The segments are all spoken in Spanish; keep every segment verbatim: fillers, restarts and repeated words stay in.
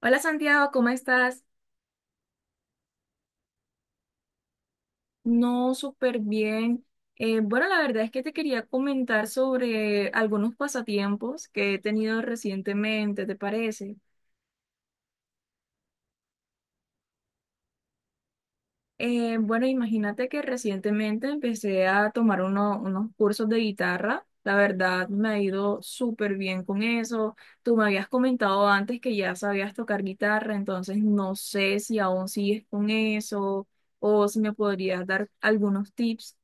Hola Santiago, ¿cómo estás? No, súper bien. Eh, bueno, la verdad es que te quería comentar sobre algunos pasatiempos que he tenido recientemente, ¿te parece? Eh, bueno, imagínate que recientemente empecé a tomar uno- unos cursos de guitarra. La verdad, me ha ido súper bien con eso. Tú me habías comentado antes que ya sabías tocar guitarra, entonces no sé si aún sigues con eso o si me podrías dar algunos tips.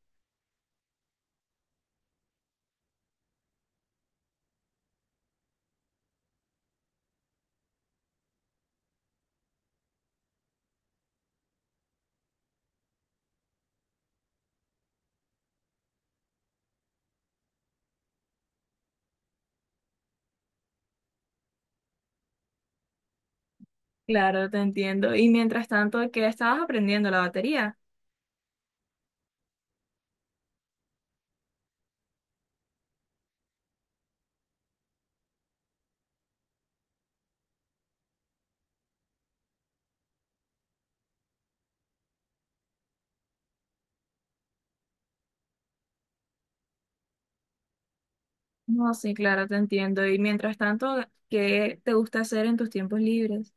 Claro, te entiendo. Y mientras tanto, ¿qué estabas aprendiendo? ¿La batería? No, sí, claro, te entiendo. Y mientras tanto, ¿qué te gusta hacer en tus tiempos libres?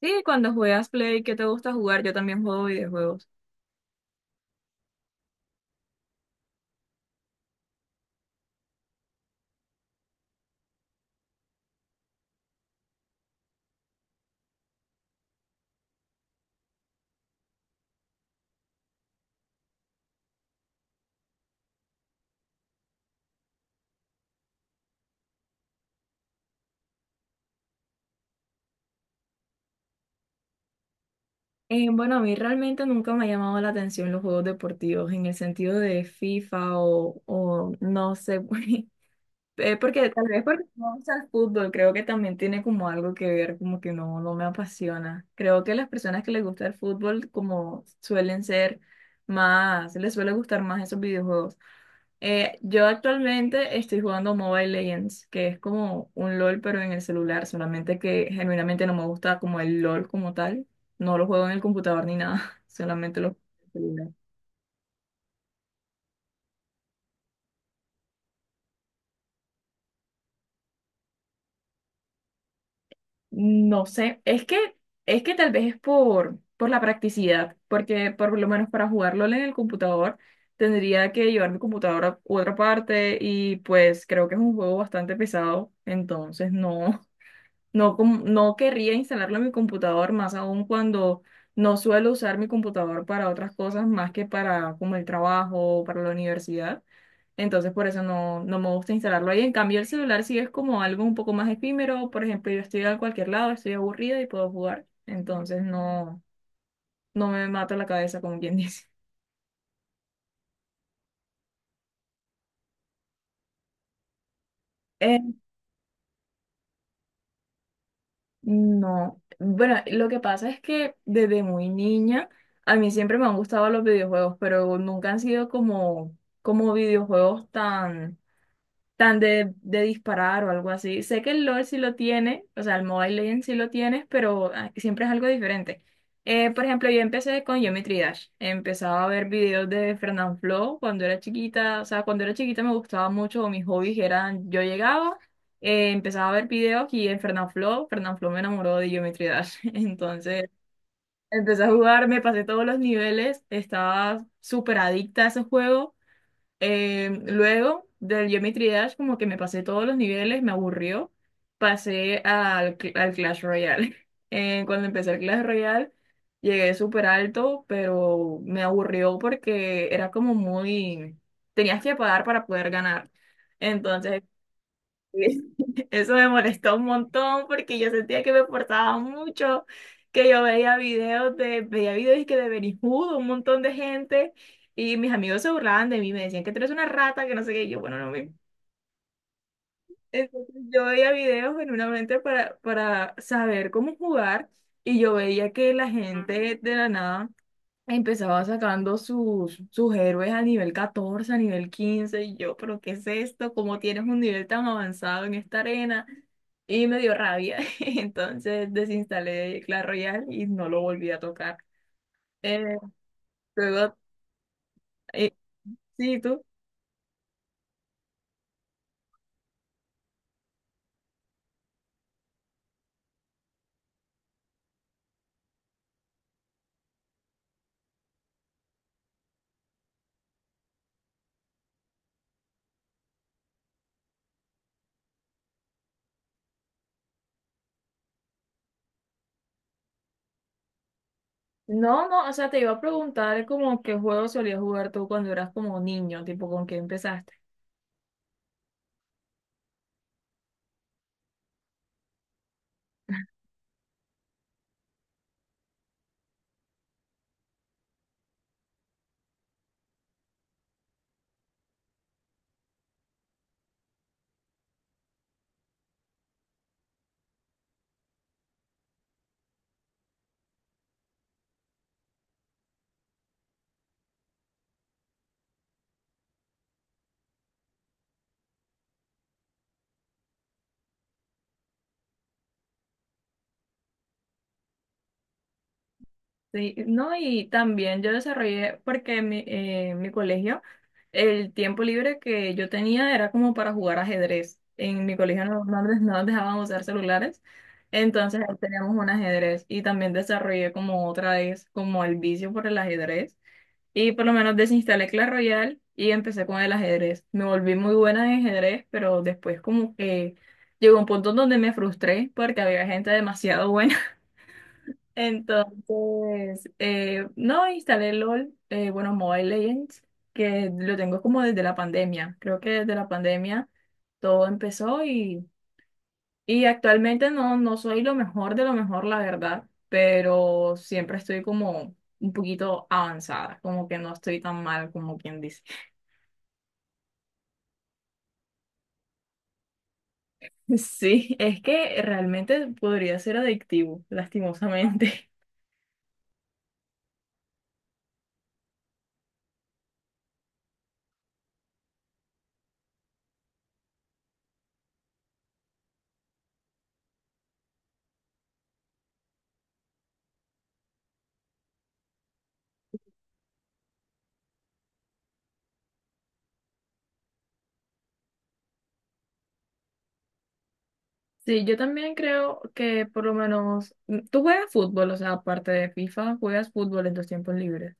Sí, cuando juegas Play, ¿qué te gusta jugar? Yo también juego videojuegos. Eh, bueno, a mí realmente nunca me ha llamado la atención los juegos deportivos en el sentido de FIFA o, o no sé, pues, Eh, porque tal vez porque no gusta el fútbol, creo que también tiene como algo que ver, como que no, no me apasiona. Creo que las personas que les gusta el fútbol como suelen ser más, les suele gustar más esos videojuegos. Eh, yo actualmente estoy jugando Mobile Legends, que es como un LOL pero en el celular, solamente que genuinamente no me gusta como el LOL como tal. No lo juego en el computador ni nada, solamente lo juego en el celular. No sé, es que, es que tal vez es por, por la practicidad, porque por lo menos para jugarlo en el computador tendría que llevar mi computadora a otra parte y pues creo que es un juego bastante pesado, entonces no, no, com- no querría instalarlo en mi computador, más aún cuando no suelo usar mi computador para otras cosas más que para como el trabajo o para la universidad. Entonces, por eso no, no me gusta instalarlo ahí. En cambio, el celular sí es como algo un poco más efímero. Por ejemplo, yo estoy a cualquier lado, estoy aburrida y puedo jugar. Entonces, no, no me mato la cabeza, como quien dice. Eh, No, bueno, lo que pasa es que desde muy niña a mí siempre me han gustado los videojuegos, pero nunca han sido como, como videojuegos tan tan de, de disparar o algo así. Sé que el LOL sí lo tiene, o sea, el Mobile Legends sí lo tienes, pero ah, siempre es algo diferente. Eh, por ejemplo, yo empecé con Geometry Dash. Empezaba a ver videos de Fernanfloo cuando era chiquita. O sea, cuando era chiquita me gustaba mucho, mis hobbies eran, yo llegaba, eh, empezaba a ver videos y en Fernanfloo, Fernanfloo me enamoró de Geometry Dash. Entonces, empecé a jugar, me pasé todos los niveles, estaba súper adicta a ese juego. Eh, luego del Yumi Triage, como que me pasé todos los niveles, me aburrió. Pasé al, cl- al Clash Royale. Eh, cuando empecé el Clash Royale, llegué súper alto, pero me aburrió porque era como muy. Tenías que pagar para poder ganar. Entonces sí. Eso me molestó un montón porque yo sentía que me forzaba mucho, que yo veía videos de, veía videos y que de Benny Hood, un montón de gente, y mis amigos se burlaban de mí, me decían que tú eres una rata, que no sé qué, y yo, bueno, no me. Entonces yo veía videos genuinamente para, para saber cómo jugar, y yo veía que la gente de la nada empezaba sacando sus, sus héroes a nivel catorce a nivel quince y yo, pero ¿qué es esto? ¿Cómo tienes un nivel tan avanzado en esta arena? Y me dio rabia, entonces desinstalé Clash Royale y no lo volví a tocar. Eh, luego, eh, sí, tú. No, no, o sea, te iba a preguntar como qué juego solías jugar tú cuando eras como niño, tipo con qué empezaste. Sí, no, y también yo desarrollé, porque en mi, eh, en mi colegio el tiempo libre que yo tenía era como para jugar ajedrez. En mi colegio no, no nos no nos dejaban usar celulares, entonces ahí teníamos un ajedrez y también desarrollé como otra vez como el vicio por el ajedrez y por lo menos desinstalé Clash Royale y empecé con el ajedrez. Me volví muy buena en ajedrez, pero después como que llegó un punto donde me frustré porque había gente demasiado buena entonces, eh, no, instalé LOL, eh, bueno, Mobile Legends, que lo tengo como desde la pandemia. Creo que desde la pandemia todo empezó y, y actualmente no, no soy lo mejor de lo mejor, la verdad, pero siempre estoy como un poquito avanzada, como que no estoy tan mal como quien dice. Sí, es que realmente podría ser adictivo, lastimosamente. Sí, yo también creo que por lo menos mm, tú juegas fútbol, o sea, aparte de FIFA, juegas fútbol en tus tiempos libres.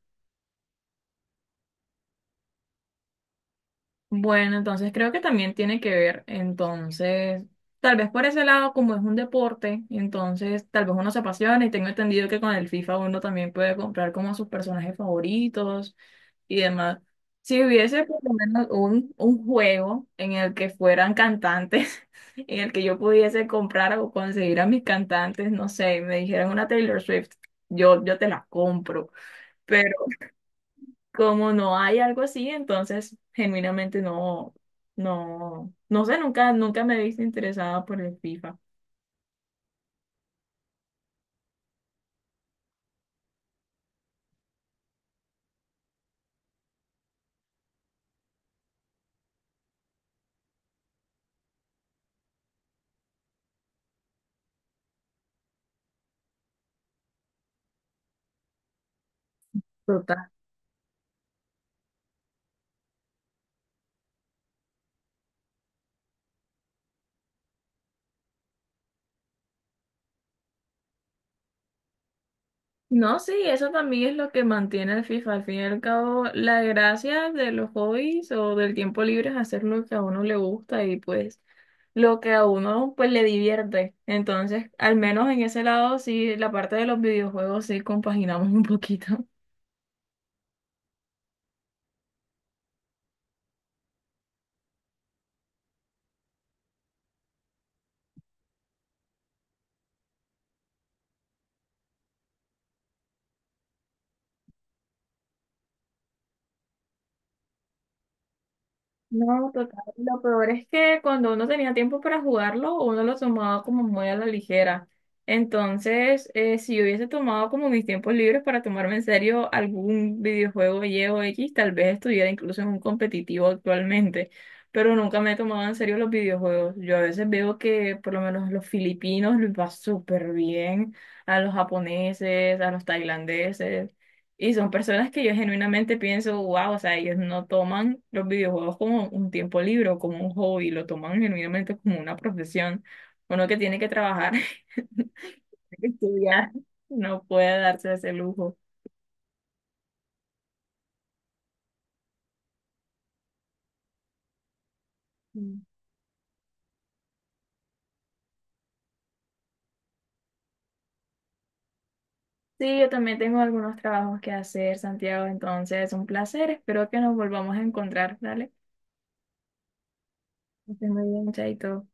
Bueno, entonces creo que también tiene que ver, entonces, tal vez por ese lado, como es un deporte, entonces tal vez uno se apasiona y tengo entendido que con el FIFA uno también puede comprar como a sus personajes favoritos y demás. Si hubiese por lo menos un, un juego en el que fueran cantantes, en el que yo pudiese comprar o conseguir a mis cantantes, no sé, me dijeran una Taylor Swift, yo, yo te la compro como no hay algo así, entonces genuinamente no, no, no sé, nunca, nunca me he visto interesada por el FIFA. Total. No, sí, eso también es lo que mantiene el FIFA. Al fin y al cabo, la gracia de los hobbies o del tiempo libre es hacer lo que a uno le gusta y pues lo que a uno pues le divierte. Entonces, al menos en ese lado, sí, la parte de los videojuegos sí compaginamos un poquito. No, total. Lo peor es que cuando uno tenía tiempo para jugarlo, uno lo tomaba como muy a la ligera. Entonces, eh, si yo hubiese tomado como mis tiempos libres para tomarme en serio algún videojuego Y o X, tal vez estuviera incluso en un competitivo actualmente. Pero nunca me he tomado en serio los videojuegos. Yo a veces veo que por lo menos los filipinos les va súper bien, a los japoneses, a los tailandeses. Y son personas que yo genuinamente pienso, wow, o sea, ellos no toman los videojuegos como un tiempo libre o como un hobby, lo toman genuinamente como una profesión. Uno que tiene que trabajar, tiene que estudiar, no puede darse ese lujo. Mm. Sí, yo también tengo algunos trabajos que hacer, Santiago, entonces un placer. Espero que nos volvamos a encontrar, ¿dale? Que estés muy bien, chaito.